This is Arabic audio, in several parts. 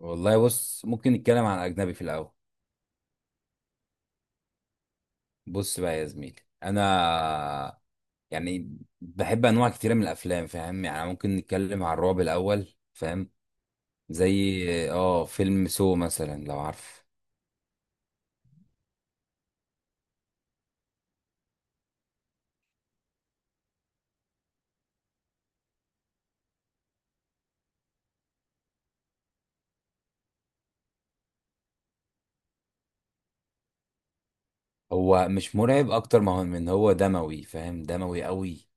والله بص، ممكن نتكلم عن اجنبي في الاول. بص بقى يا زميلي، انا يعني بحب انواع كتيره من الافلام. فاهم؟ يعني ممكن نتكلم عن الرعب الاول. فاهم؟ زي اه فيلم سو مثلا، لو عارف. هو مش مرعب اكتر ما هو، من هو دموي. فاهم؟ دموي قوي.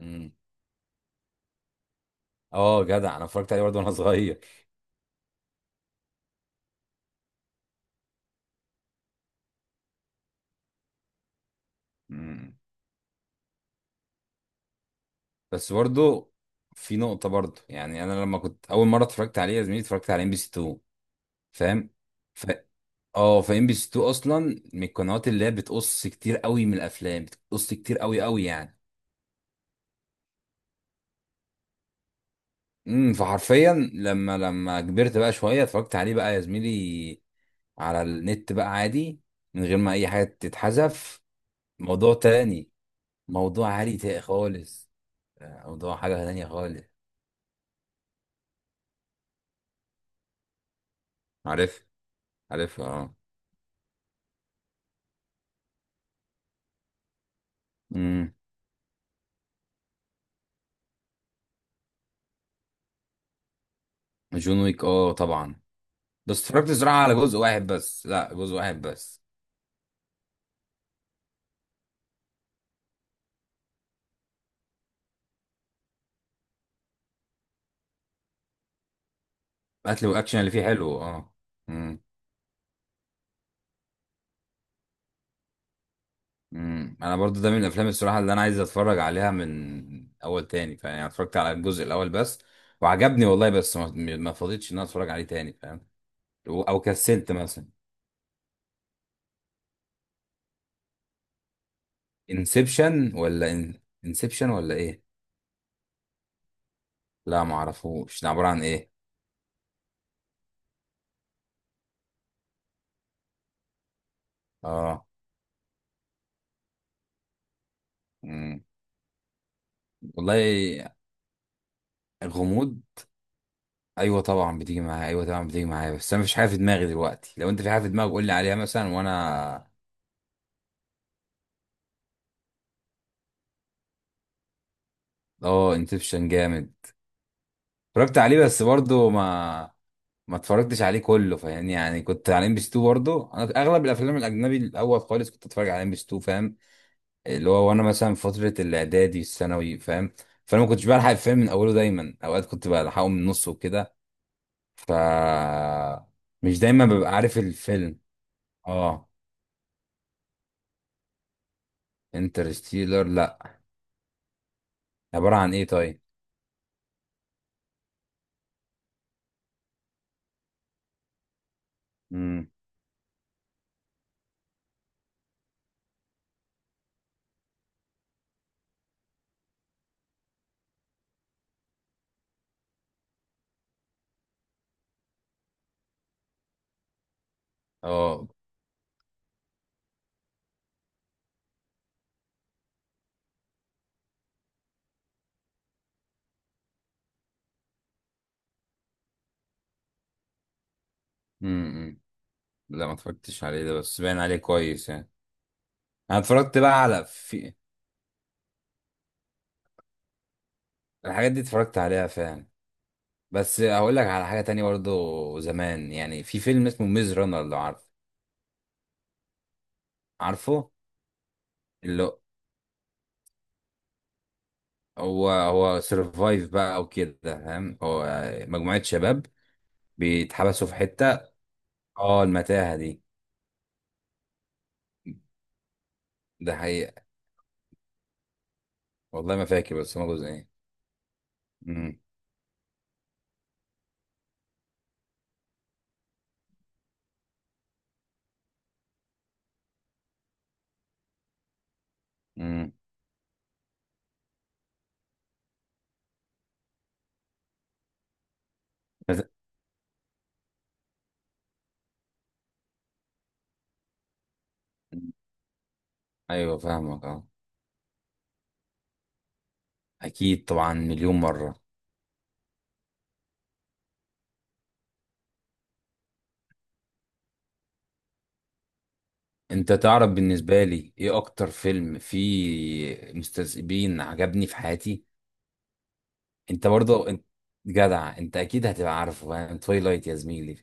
امم اه جدع، انا اتفرجت عليه برضه وانا صغير. امم بس برضه، في نقطه برضه. يعني انا لما كنت اول مره اتفرجت عليه يا زميلي، اتفرجت على MBC 2، فاهم. ف... اه فام بي سي 2 اصلا من القنوات اللي هي بتقص كتير قوي من الافلام، بتقص كتير قوي قوي يعني. فحرفيا لما كبرت بقى شويه، اتفرجت عليه بقى يا زميلي على النت بقى عادي، من غير ما اي حاجه تتحذف. موضوع تاني، خالص. موضوع حاجه تانية خالص. عارف. عارف اه. امم. جون ويك، اه طبعا. بس اتفرجت زراعه على جزء واحد بس. لا، جزء واحد بس. قتل، والاكشن اللي فيه حلو، اه. إمم. امم، انا برضو ده من الافلام الصراحه اللي انا عايز اتفرج عليها من اول تاني. فاهم؟ يعني اتفرجت على الجزء الاول بس وعجبني والله، بس ما فضيتش ان انا اتفرج عليه تاني. فاهم؟ او أو كسلت مثلا. انسبشن ولا ايه؟ لا، ما اعرفوش ده عباره عن ايه. اه. امم. والله. الغموض؟ ايوه طبعا بتيجي معايا، ايوه طبعا بتيجي معايا، بس انا مفيش حاجه في دماغي دلوقتي. لو انت في حاجه في دماغك قول لي عليها مثلا، وانا... اه انسبشن جامد. اتفرجت عليه بس برضو ما اتفرجتش عليه كله. فاهمني؟ يعني كنت على ام بي 2 برضه. انا اغلب الافلام الاجنبي الاول خالص كنت اتفرج على ام بي 2. فاهم؟ اللي هو وانا مثلا في فتره الاعدادي الثانوي. فاهم؟ فانا ما كنتش بلحق الفيلم من اوله دايما، اوقات كنت بلحقه من نصه وكده، ف مش دايما ببقى عارف الفيلم. اه. انترستيلر، لا. عباره عن ايه طيب؟ امم. اه. امم. لا ما اتفرجتش عليه ده، بس باين عليه كويس يعني. انا اتفرجت بقى على في الحاجات دي اتفرجت عليها فعلا. بس هقول لك على حاجة تانية برضو زمان، يعني في فيلم اسمه ميز رانر لو عارف. عارفه. اللي هو هو سرفايف بقى او كده، فاهم. هو مجموعة شباب بيتحبسوا في حتة. اه، المتاهة دي. ده حقيقة. والله ما فاكر، بس هما جزئين. امم. امم. بس- ايوه فاهمك اه. اكيد طبعا، 1000000 مرة. انت تعرف بالنسبة لي ايه اكتر فيلم فيه مستذئبين عجبني في حياتي؟ انت برضه انت جدع، انت اكيد هتبقى عارفه، فاهم؟ تويلايت يا زميلي.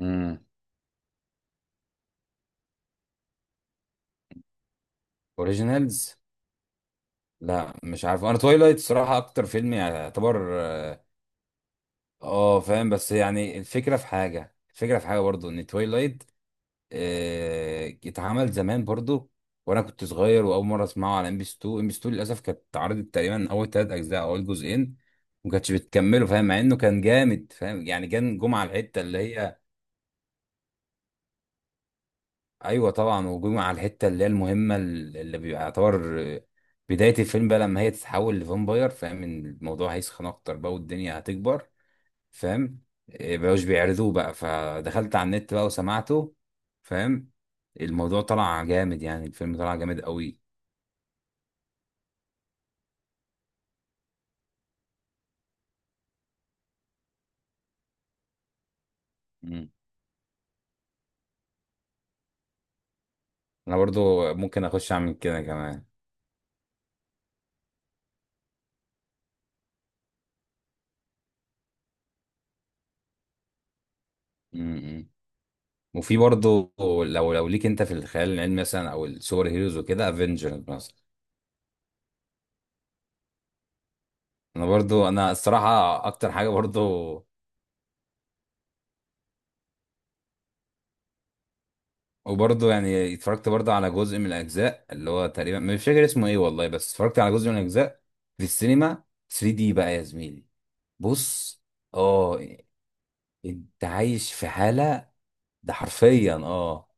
امم. اوريجينالز، لا مش عارف. انا تويلايت صراحة اكتر فيلم يعني يعتبر، اه. فاهم، بس يعني الفكرة في حاجة، الفكرة في حاجة برضو ان تويلايت اتعمل زمان برضو وانا كنت صغير. واول مرة اسمعه على ام بي 2. ام بي 2 للاسف كانت اتعرضت تقريبا اول ثلاث اجزاء او اول جزئين، ما كانتش بتكمله. فاهم؟ مع انه كان جامد. فاهم يعني، كان جمعة الحتة اللي هي. ايوه طبعا، وجمع على الحته اللي هي المهمه، اللي بيبقى يعتبر بدايه الفيلم بقى، لما هي تتحول لفامباير. فاهم ان الموضوع هيسخن اكتر بقى والدنيا هتكبر. فاهم؟ بقوش بيعرضوه بقى، فدخلت على النت بقى وسمعته. فاهم؟ الموضوع طلع جامد، يعني الفيلم طلع جامد قوي. مم. انا برضو ممكن اخش اعمل كده كمان. م-م. وفي برضو، لو ليك انت في الخيال العلمي مثلا او السوبر هيروز وكده، افنجرز مثلا. انا برضو انا الصراحه اكتر حاجه برضو. وبرضه يعني اتفرجت برضه على جزء من الاجزاء اللي هو، تقريبا مش فاكر اسمه ايه والله، بس اتفرجت على جزء من الاجزاء في السينما 3D بقى يا زميلي. بص، اه، انت عايش في حاله. ده حرفيا اه.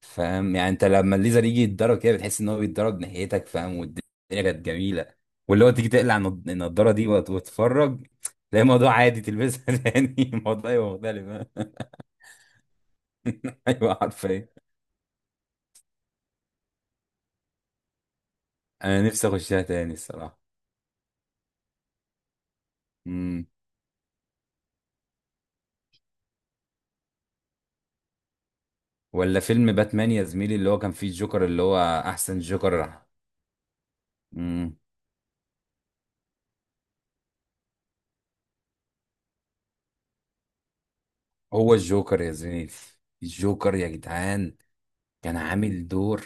فاهم يعني، انت لما الليزر يجي يتضرب كده، بتحس ان هو بيتضرب ناحيتك. فاهم؟ والدنيا كانت جميله. واللي هو تيجي تقلع النضاره دي وتتفرج، تلاقي الموضوع عادي. تلبسها تاني الموضوع يبقى مختلف. ايوه حرفيا. انا نفسي اخشها تاني الصراحه. ولا فيلم باتمان يا زميلي، اللي هو كان فيه الجوكر، اللي هو احسن جوكر. امم. هو الجوكر يا زميلي، الجوكر يا جدعان. كان عامل دور.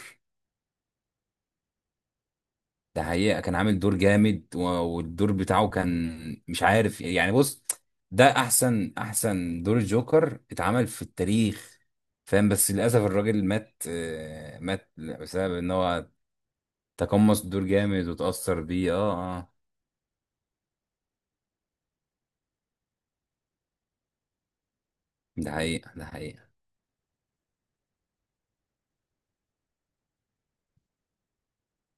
ده حقيقة، كان عامل دور جامد. والدور بتاعه كان مش عارف يعني. بص، ده احسن، دور الجوكر اتعمل في التاريخ. فاهم؟ بس للاسف الراجل مات. مات بسبب ان هو تقمص الدور جامد وتأثر بيه اه. اه. ده حقيقة، ده حقيقة.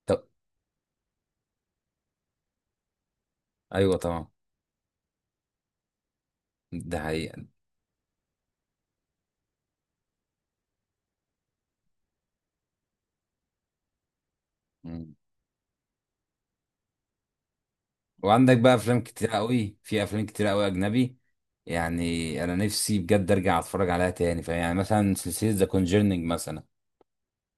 طب، ايوه طبعا، ده حقيقة. وعندك بقى افلام كتير قوي، في افلام كتير قوي اجنبي، يعني انا نفسي بجد ارجع اتفرج عليها تاني. فاهم؟ يعني مثلا سلسله ذا كونجرنينج مثلا.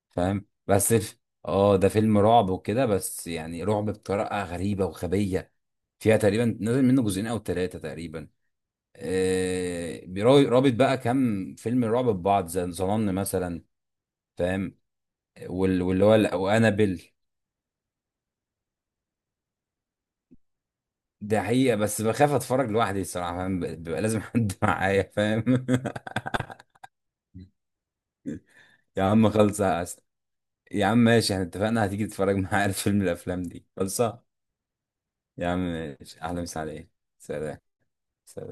فاهم؟ اه ده فيلم رعب وكده، بس يعني رعب بطريقه غريبه وغبيه. فيها تقريبا نازل منه جزئين او ثلاثه تقريبا. رابط بقى كام فيلم رعب ببعض زي ظنن مثلا. فاهم؟ وانابل. ده حقيقة، بس بخاف اتفرج لوحدي الصراحة. فاهم؟ بيبقى لازم حد معايا، فاهم؟ يا عم خلصة. يا عم ماشي، احنا اتفقنا هتيجي تتفرج معايا على فيلم من الافلام دي. خلصة يا عم، ماشي، اهلا وسهلا عليك. سلام. سلام.